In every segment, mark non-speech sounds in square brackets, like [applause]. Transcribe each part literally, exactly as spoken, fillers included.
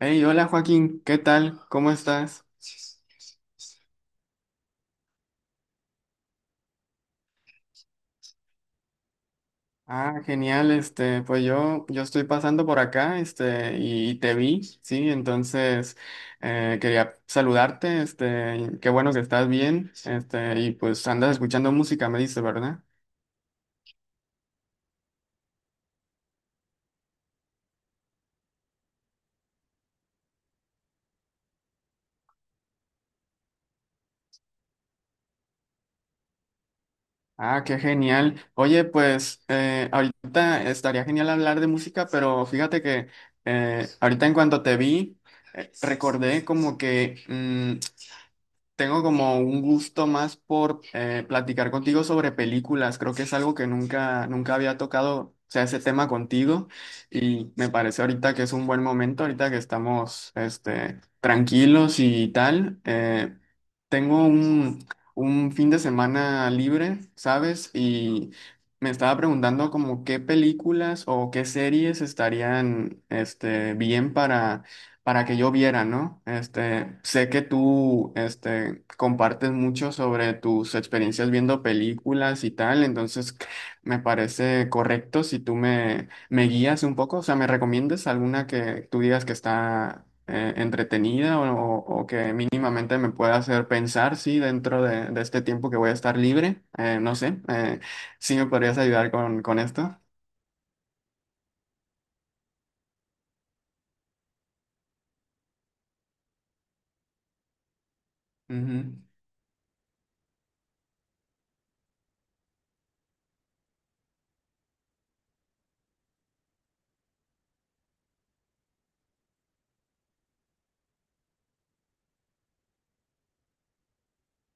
Hey, hola Joaquín, ¿qué tal? ¿Cómo estás? Ah, genial, este, pues yo, yo estoy pasando por acá, este, y te vi, sí, entonces eh, quería saludarte, este, qué bueno que estás bien, este, y pues andas escuchando música, me dices, ¿verdad? Ah, qué genial. Oye, pues eh, ahorita estaría genial hablar de música, pero fíjate que eh, ahorita en cuanto te vi, eh, recordé como que tengo como un gusto más por eh, platicar contigo sobre películas. Creo que es algo que nunca, nunca había tocado, o sea, ese tema contigo. Y me parece ahorita que es un buen momento, ahorita que estamos este, tranquilos y tal. Eh, tengo un, un fin de semana libre, ¿sabes? Y me estaba preguntando como qué películas o qué series estarían este, bien para que yo viera, ¿no? Este, sé que tú, este, compartes mucho sobre tus experiencias viendo películas y tal, entonces me parece correcto si tú me, me guías un poco, o sea, me recomiendes alguna que tú digas que está eh, entretenida o, o- o que mínimamente me pueda hacer pensar, sí, dentro de, de este tiempo que voy a estar libre. Eh, no sé, eh, ¿sí me podrías ayudar con, con esto?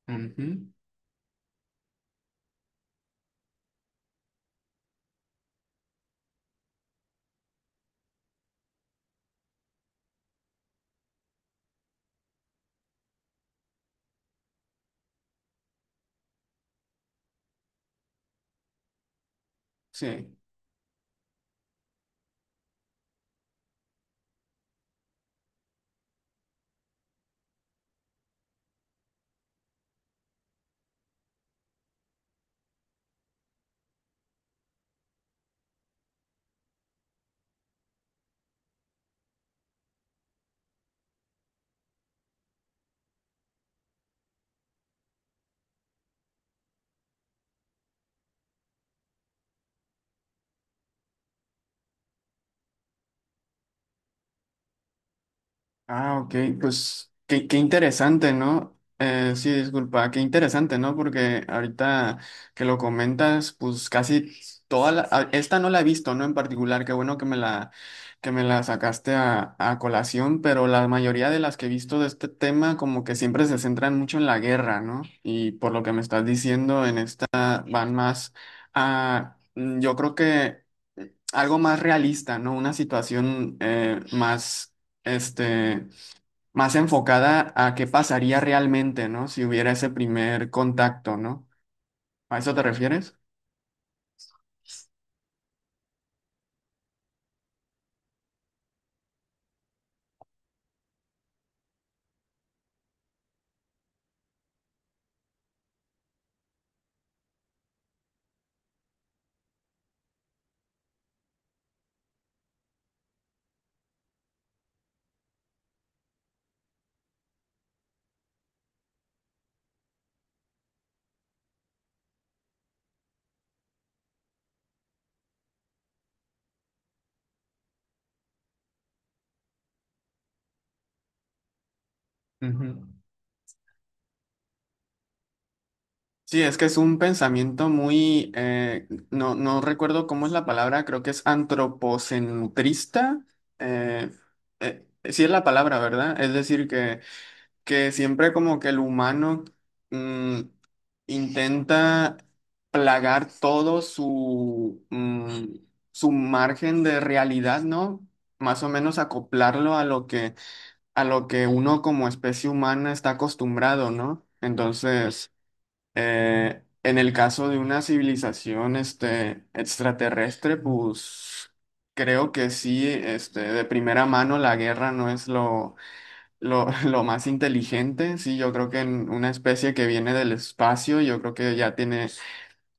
Ujú, ujú. Sí. Ah, ok, pues qué, qué interesante, ¿no? Eh, sí, disculpa, qué interesante, ¿no? Porque ahorita que lo comentas, pues casi toda la, a- esta no la he visto, ¿no? En particular, qué bueno que me la, que me la sacaste a, a colación, pero la mayoría de las que he visto de este tema como que siempre se centran mucho en la guerra, ¿no? Y por lo que me estás diciendo, en esta van más a, mm, yo creo que algo más realista, ¿no? Una situación eh, más este, más enfocada a qué pasaría realmente, ¿no? Si hubiera ese primer contacto, ¿no? ¿A eso te refieres? Ujú. Sí, es que es un pensamiento muy, eh, no, no recuerdo cómo es la palabra, creo que es antropocentrista. eh, eh, sí es la palabra, ¿verdad? Es decir, que que siempre como que el humano mm, intenta plagar todo su, mm, su margen de realidad, ¿no? Más o menos acoplarlo a lo que, a lo que uno como especie humana está acostumbrado, ¿no? Entonces, eh, en el caso de una civilización este, extraterrestre, pues creo que sí, este, de primera mano la guerra no es lo lo, [laughs] lo más inteligente, sí, yo creo que en una especie que viene del espacio, yo creo que ya tiene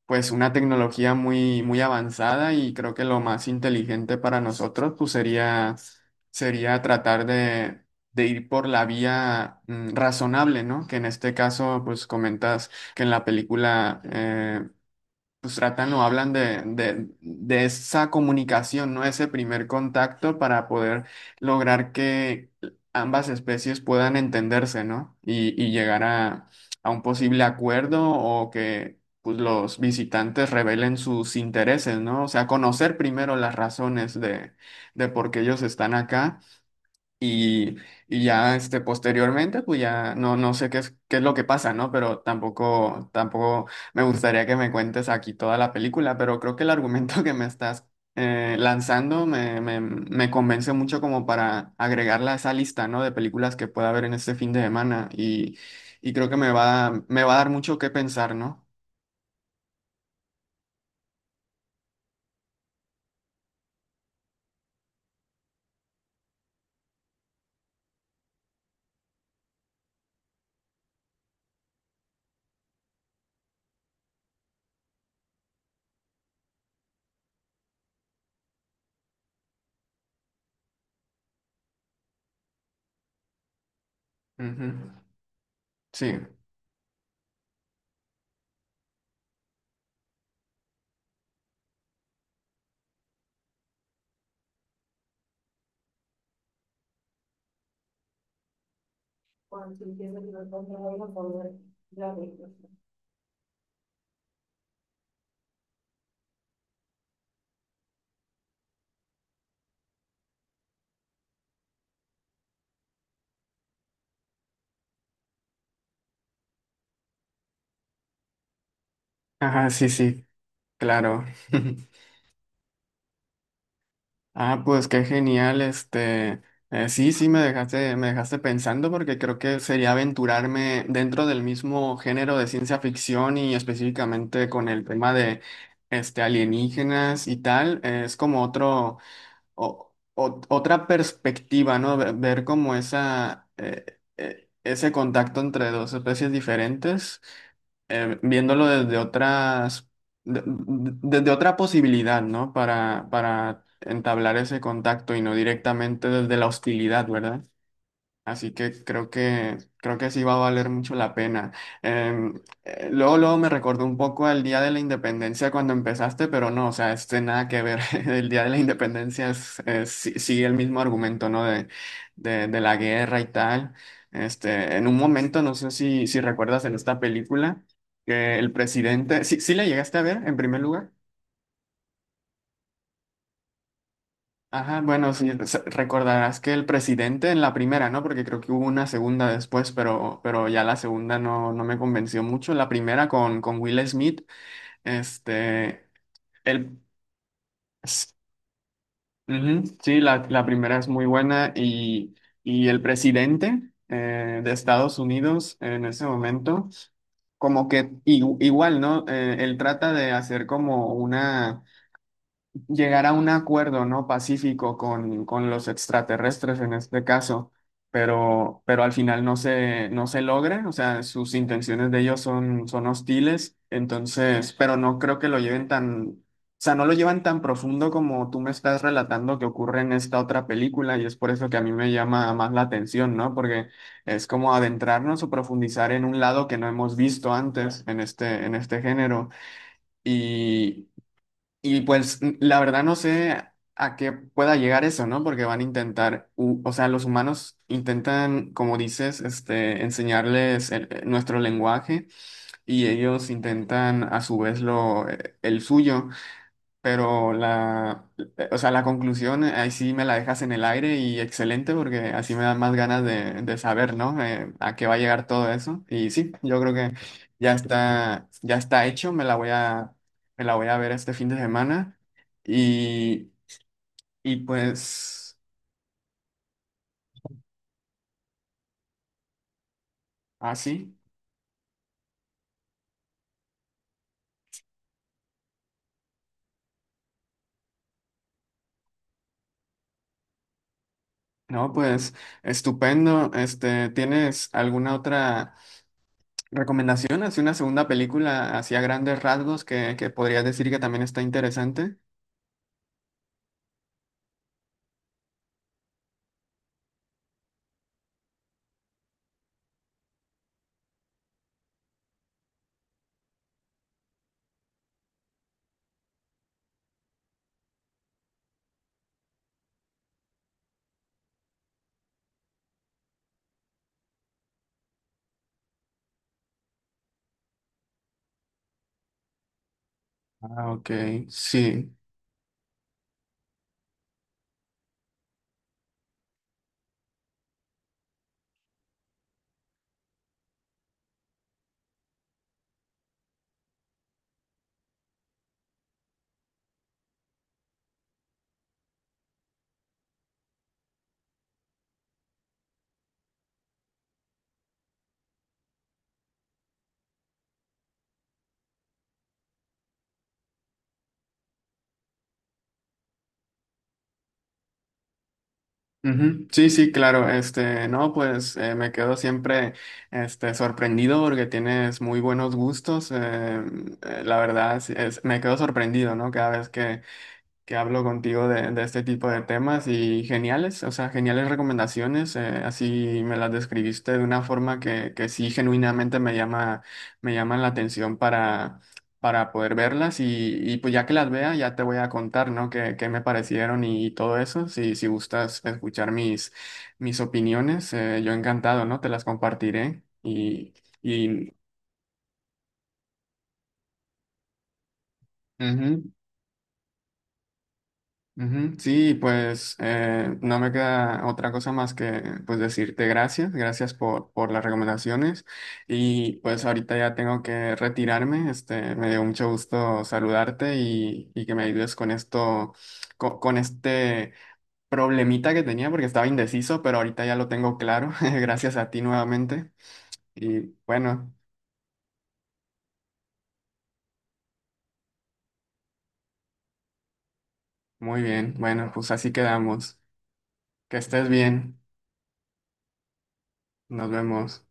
pues una tecnología muy, muy avanzada y creo que lo más inteligente para nosotros pues sería, sería tratar de, de ir por la vía mm, razonable, ¿no? Que en este caso pues comentas que en la película eh, pues tratan o hablan de, de- de esa comunicación, ¿no? Ese primer contacto para poder lograr que ambas especies puedan entenderse, ¿no? Y, y llegar a, a un posible acuerdo o que pues, los visitantes revelen sus intereses, ¿no? O sea, conocer primero las razones de, de por qué ellos están acá y, y ya este, posteriormente, pues ya no, no sé qué es, qué es lo que pasa, ¿no? Pero tampoco, tampoco me gustaría que me cuentes aquí toda la película, pero creo que el argumento [laughs] que me estás eh, lanzando me, me, me convence mucho como para agregarla a esa lista, ¿no? De películas que pueda ver en este fin de semana y, y creo que me va, me va a dar mucho que pensar, ¿no? Ujú. Sí. Ajá, sí, sí, claro. [laughs] Ah, pues qué genial, este, eh, sí, sí, me dejaste, me dejaste pensando porque creo que sería aventurarme dentro del mismo género de ciencia ficción y específicamente con el tema de, este, alienígenas y tal, eh, es como otro, o- o- otra perspectiva, ¿no? Ver, ver como esa, eh, eh, ese contacto entre dos especies diferentes eh, viéndolo desde otras, de- de- desde otra posibilidad, ¿no? Para, para entablar ese contacto y no directamente desde la hostilidad, ¿verdad? Así que creo que creo que sí va a valer mucho la pena. Em, eh, luego, luego me recordó un poco al Día de la Independencia cuando empezaste, pero no, o sea, este nada que ver. [laughs] El Día de la Independencia es, es- sí- sigue el mismo argumento, ¿no? De, de, de la guerra y tal. Este, en un momento, no sé si, si recuerdas en esta película, que el presidente, sí, sí la llegaste a ver en primer lugar. Ajá, bueno, sí, se- recordarás que el presidente en la primera, ¿no? Porque creo que hubo una segunda después, pero, pero ya la segunda no, no me convenció mucho. La primera con, con Will Smith, este, el, s- ujú, sí, la, la primera es muy buena y, y el presidente eh, de Estados Unidos en ese momento como que igu- igual, ¿no? Eh, él trata de hacer como una llegar a un acuerdo, ¿no? Pacífico con, con los extraterrestres en este caso, pero, pero al final no se, no se logra, o sea, sus intenciones de ellos son, son hostiles, entonces, pero no creo que lo lleven tan, o sea, no lo llevan tan profundo como tú me estás relatando que ocurre en esta otra película y es por eso que a mí me llama más la atención, ¿no? Porque es como adentrarnos o profundizar en un lado que no hemos visto antes en este, en este género. Y, y pues n- la verdad no sé a qué pueda llegar eso, ¿no? Porque van a intentar, u- o sea, los humanos intentan, como dices, este, enseñarles el- eh, nuestro lenguaje y ellos intentan a su vez lo, eh, el suyo. Pero la, o sea, la conclusión eh, ahí sí me la dejas en el aire y excelente porque así me dan más ganas de, de saber, ¿no? Eh, a qué va a llegar todo eso. Y sí, yo creo que ya está, ya está hecho, me la voy a, me la voy a ver este fin de semana. Y, y pues así, ¿no? Pues estupendo. Este, ¿tienes alguna otra recomendación? Así una segunda película así a grandes rasgos que, que podrías decir que también está interesante. Ah, ok, sí. Ujú. Sí, sí, claro. Este, no, pues eh, me quedo siempre este, sorprendido porque tienes muy buenos gustos. eh, eh, la verdad, sí, es- me quedo sorprendido, ¿no? Cada vez que, que hablo contigo de, de este tipo de temas y geniales, o sea, geniales recomendaciones, eh, así me las describiste de una forma que, que sí genuinamente me llama, me llaman la atención para, para poder verlas y, y pues ya que las vea ya te voy a contar, ¿no? Qué, qué me parecieron y todo eso, si, si gustas escuchar mis, mis opiniones, eh, yo encantado, ¿no? Te las compartiré y, y ujú. Ujú. Sí, pues eh, no me queda otra cosa más que pues decirte gracias, gracias por, por las recomendaciones y pues ahorita ya tengo que retirarme, este, me dio mucho gusto saludarte y, y que me ayudes con esto, co- con, este problemita que tenía porque estaba indeciso, pero ahorita ya lo tengo claro, [laughs] gracias a ti nuevamente y bueno, muy bien, bueno, pues así quedamos, que estés bien, nos vemos.